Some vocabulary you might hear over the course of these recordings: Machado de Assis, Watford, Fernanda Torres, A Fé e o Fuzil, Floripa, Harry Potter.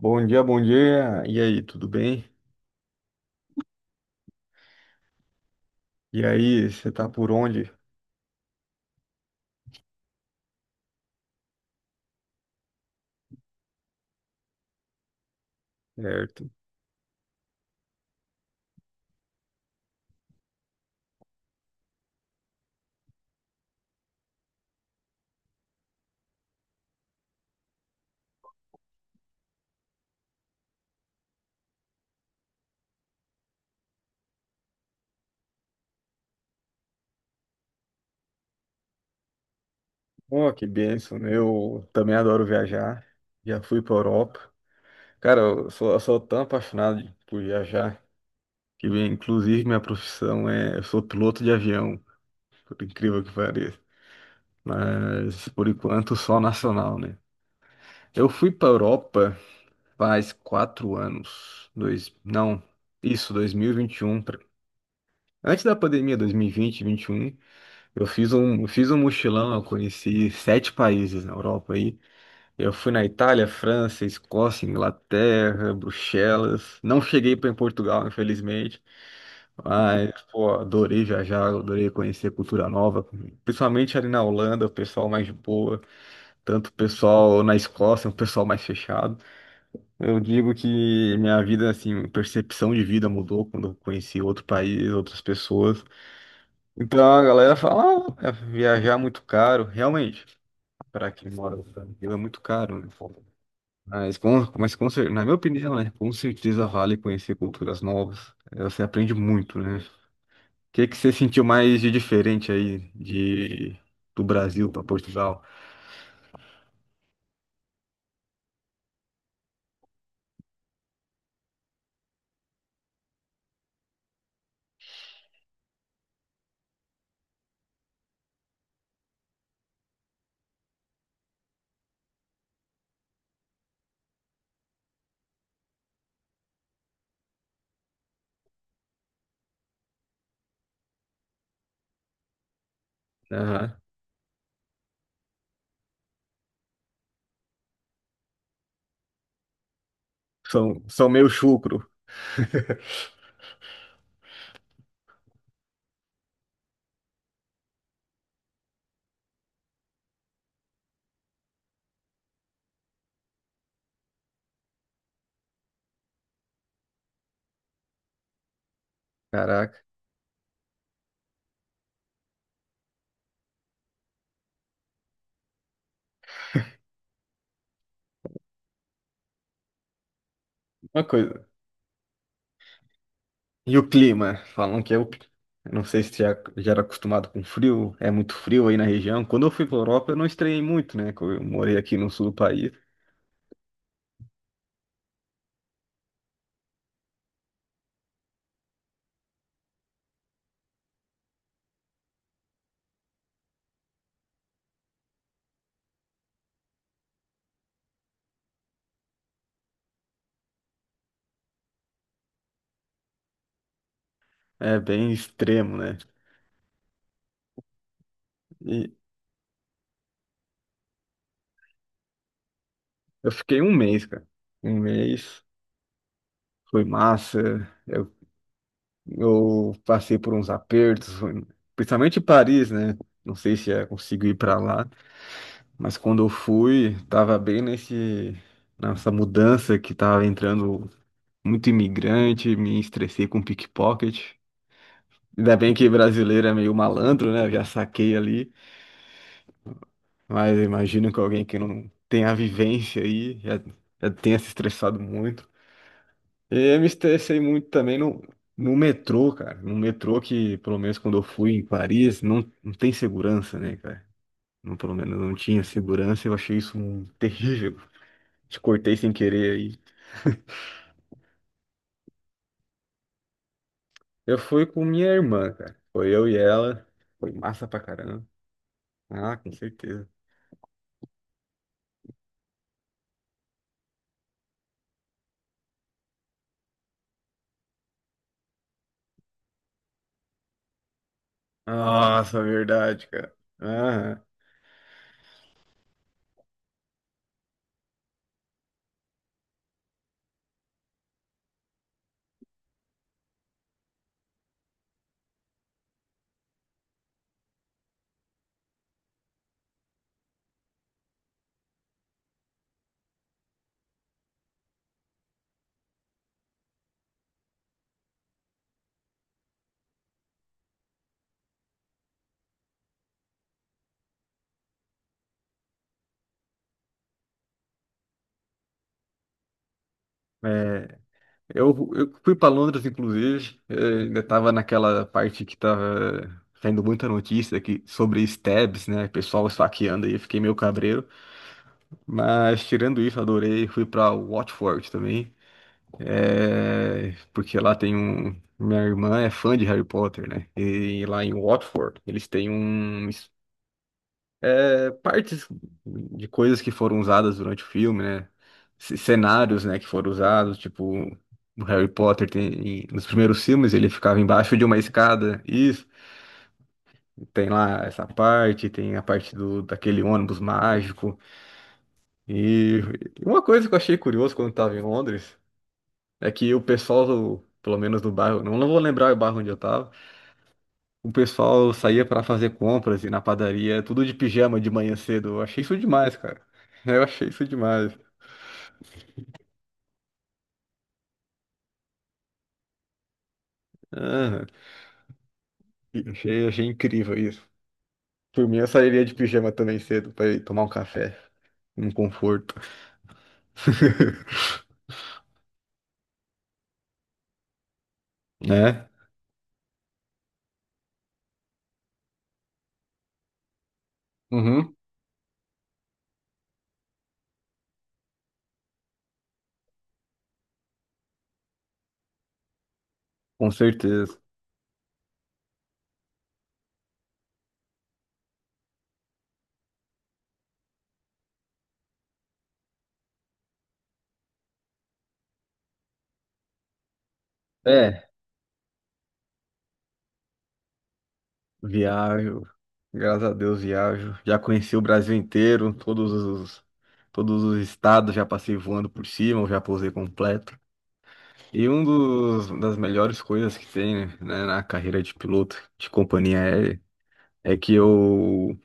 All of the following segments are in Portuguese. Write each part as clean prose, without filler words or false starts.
Bom dia, bom dia. E aí, tudo bem? E aí, você tá por onde? Certo. Oh, que bênção, né? Eu também adoro viajar. Já fui pra Europa. Cara, eu sou tão apaixonado por viajar que, inclusive, minha profissão é. Eu sou piloto de avião, por incrível que pareça. Mas, por enquanto, só nacional, né? Eu fui pra Europa faz 4 anos. Não, isso, 2021. Antes da pandemia, 2021. Eu fiz um mochilão, eu conheci sete países na Europa aí. Eu fui na Itália, França, Escócia, Inglaterra, Bruxelas. Não cheguei para em Portugal, infelizmente. Mas, pô, adorei viajar, adorei conhecer cultura nova. Principalmente ali na Holanda, o pessoal mais de boa. Tanto o pessoal na Escócia, um pessoal mais fechado. Eu digo que minha vida, assim, percepção de vida mudou quando eu conheci outro país, outras pessoas. Então a galera fala, ah, é viajar é muito caro, realmente, para quem mora no Brasil é muito caro, né? Mas, na minha opinião, né, com certeza vale conhecer culturas novas. Você aprende muito, né? O que que você sentiu mais de diferente aí do Brasil para Portugal? Aham. São meio chucro. Caraca. Uma coisa. E o clima? Falam que é o. Eu não sei se já era acostumado com frio, é muito frio aí na região. Quando eu fui para Europa, eu não estranhei muito, né? Que eu morei aqui no sul do país. É bem extremo, né? E eu fiquei um mês, cara. Um mês, foi massa. Eu passei por uns apertos, principalmente em Paris, né? Não sei se eu consigo ir para lá, mas quando eu fui, tava bem nesse nessa mudança que tava entrando muito imigrante, me estressei com pickpocket. Ainda bem que brasileiro é meio malandro, né? Eu já saquei ali, mas eu imagino que alguém que não tem a vivência aí já tenha se estressado muito. E eu me estressei muito também no metrô, cara. No metrô que, pelo menos quando eu fui em Paris, não tem segurança, né, cara? Não, pelo menos não tinha segurança. Eu achei isso terrível. Te cortei sem querer aí. Eu fui com minha irmã, cara. Foi eu e ela. Foi massa pra caramba. Ah, com certeza. Nossa, verdade, cara. Aham. É, eu fui para Londres, inclusive, ainda estava naquela parte que estava saindo muita notícia sobre stabs, né? Pessoal esfaqueando aí, eu fiquei meio cabreiro. Mas tirando isso, adorei. Fui para Watford também, porque lá tem um. Minha irmã é fã de Harry Potter, né? E lá em Watford, eles têm partes de coisas que foram usadas durante o filme, né? Cenários, né, que foram usados, tipo, o Harry Potter tem, nos primeiros filmes ele ficava embaixo de uma escada. Isso, tem lá essa parte, tem a parte do daquele ônibus mágico. E uma coisa que eu achei curioso quando eu tava em Londres é que o pessoal Pelo menos do bairro, não vou lembrar o bairro onde eu tava. O pessoal saía pra fazer compras e na padaria, tudo de pijama de manhã cedo. Eu achei isso demais, cara. Eu achei isso demais. Aham. Achei incrível isso. Por mim, eu sairia de pijama também cedo para ir tomar um café, um conforto. Né? Uhum. Com certeza. É, viajo. Graças a Deus viajo. Já conheci o Brasil inteiro, todos os estados, já passei voando por cima, eu já pousei completo. E um dos das melhores coisas que tem, né, na carreira de piloto de companhia aérea é que eu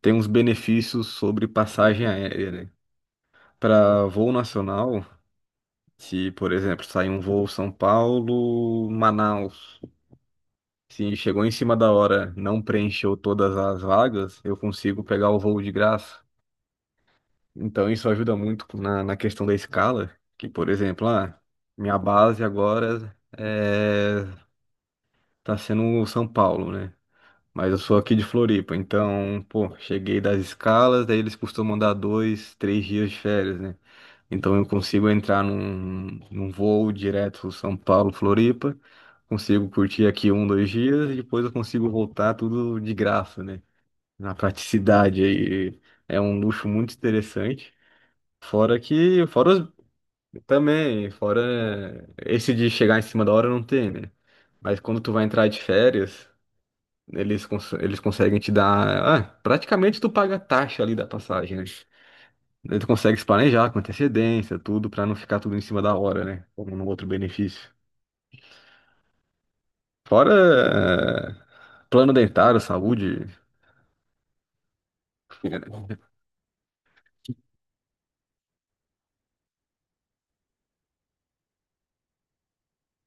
tenho uns benefícios sobre passagem aérea, né? Para voo nacional, se, por exemplo, sai um voo São Paulo, Manaus, se chegou em cima da hora, não preencheu todas as vagas, eu consigo pegar o voo de graça. Então isso ajuda muito na questão da escala, que, por exemplo, minha base agora tá sendo o São Paulo, né? Mas eu sou aqui de Floripa, então, pô, cheguei das escalas, daí eles costumam dar dois, três dias de férias, né? Então eu consigo entrar num voo direto São Paulo, Floripa, consigo curtir aqui um, dois dias e depois eu consigo voltar tudo de graça, né? Na praticidade aí. É um luxo muito interessante. Fora que, fora também, fora esse de chegar em cima da hora não tem, né? Mas quando tu vai entrar de férias, eles, eles conseguem te dar. Ah, praticamente tu paga a taxa ali da passagem, né? Daí tu consegue se planejar com antecedência, tudo, pra não ficar tudo em cima da hora, né? Como no outro benefício. Fora plano dentário, saúde.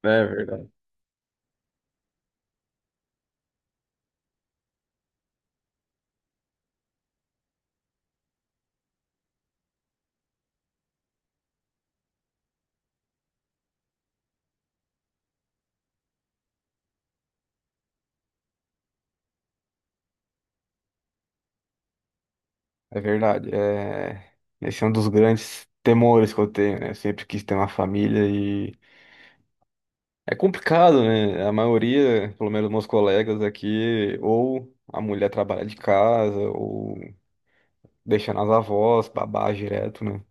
É verdade. É verdade. É. Esse é um dos grandes temores que eu tenho, né? Eu sempre quis ter uma família e é complicado, né? A maioria, pelo menos meus colegas aqui, ou a mulher trabalha de casa, ou deixa nas avós, babá direto, né?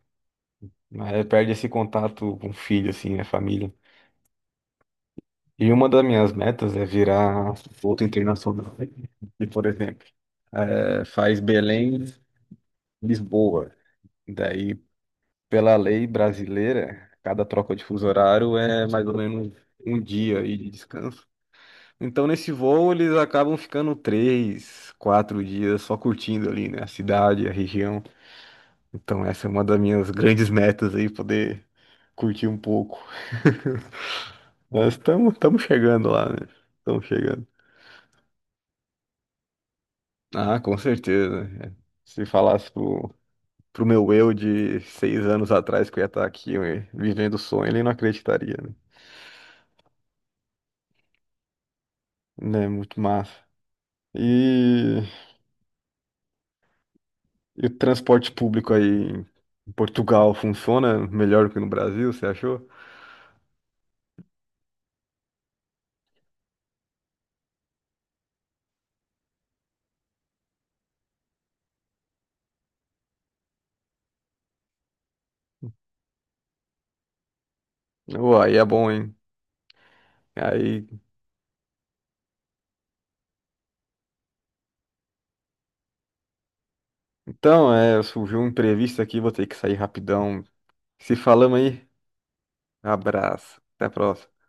Mas aí perde esse contato com o filho, assim, né, a família. E uma das minhas metas é virar outro internacional. E, por exemplo, faz Belém, Lisboa. Daí, pela lei brasileira, cada troca de fuso horário é mais ou menos um dia aí de descanso. Então, nesse voo, eles acabam ficando três, quatro dias só curtindo ali, né? A cidade, a região. Então, essa é uma das minhas grandes metas aí, poder curtir um pouco. Mas estamos chegando lá, né? Estamos chegando. Ah, com certeza. É. Se falasse pro meu eu de 6 anos atrás que eu ia estar aqui vivendo o sonho, ele não acreditaria, né? Né? Muito massa. E, e o transporte público aí em Portugal funciona melhor que no Brasil, você achou? Ué, aí é bom, hein? Aí, então, é, surgiu um imprevisto aqui, vou ter que sair rapidão. Se falamos aí, abraço. Até a próxima.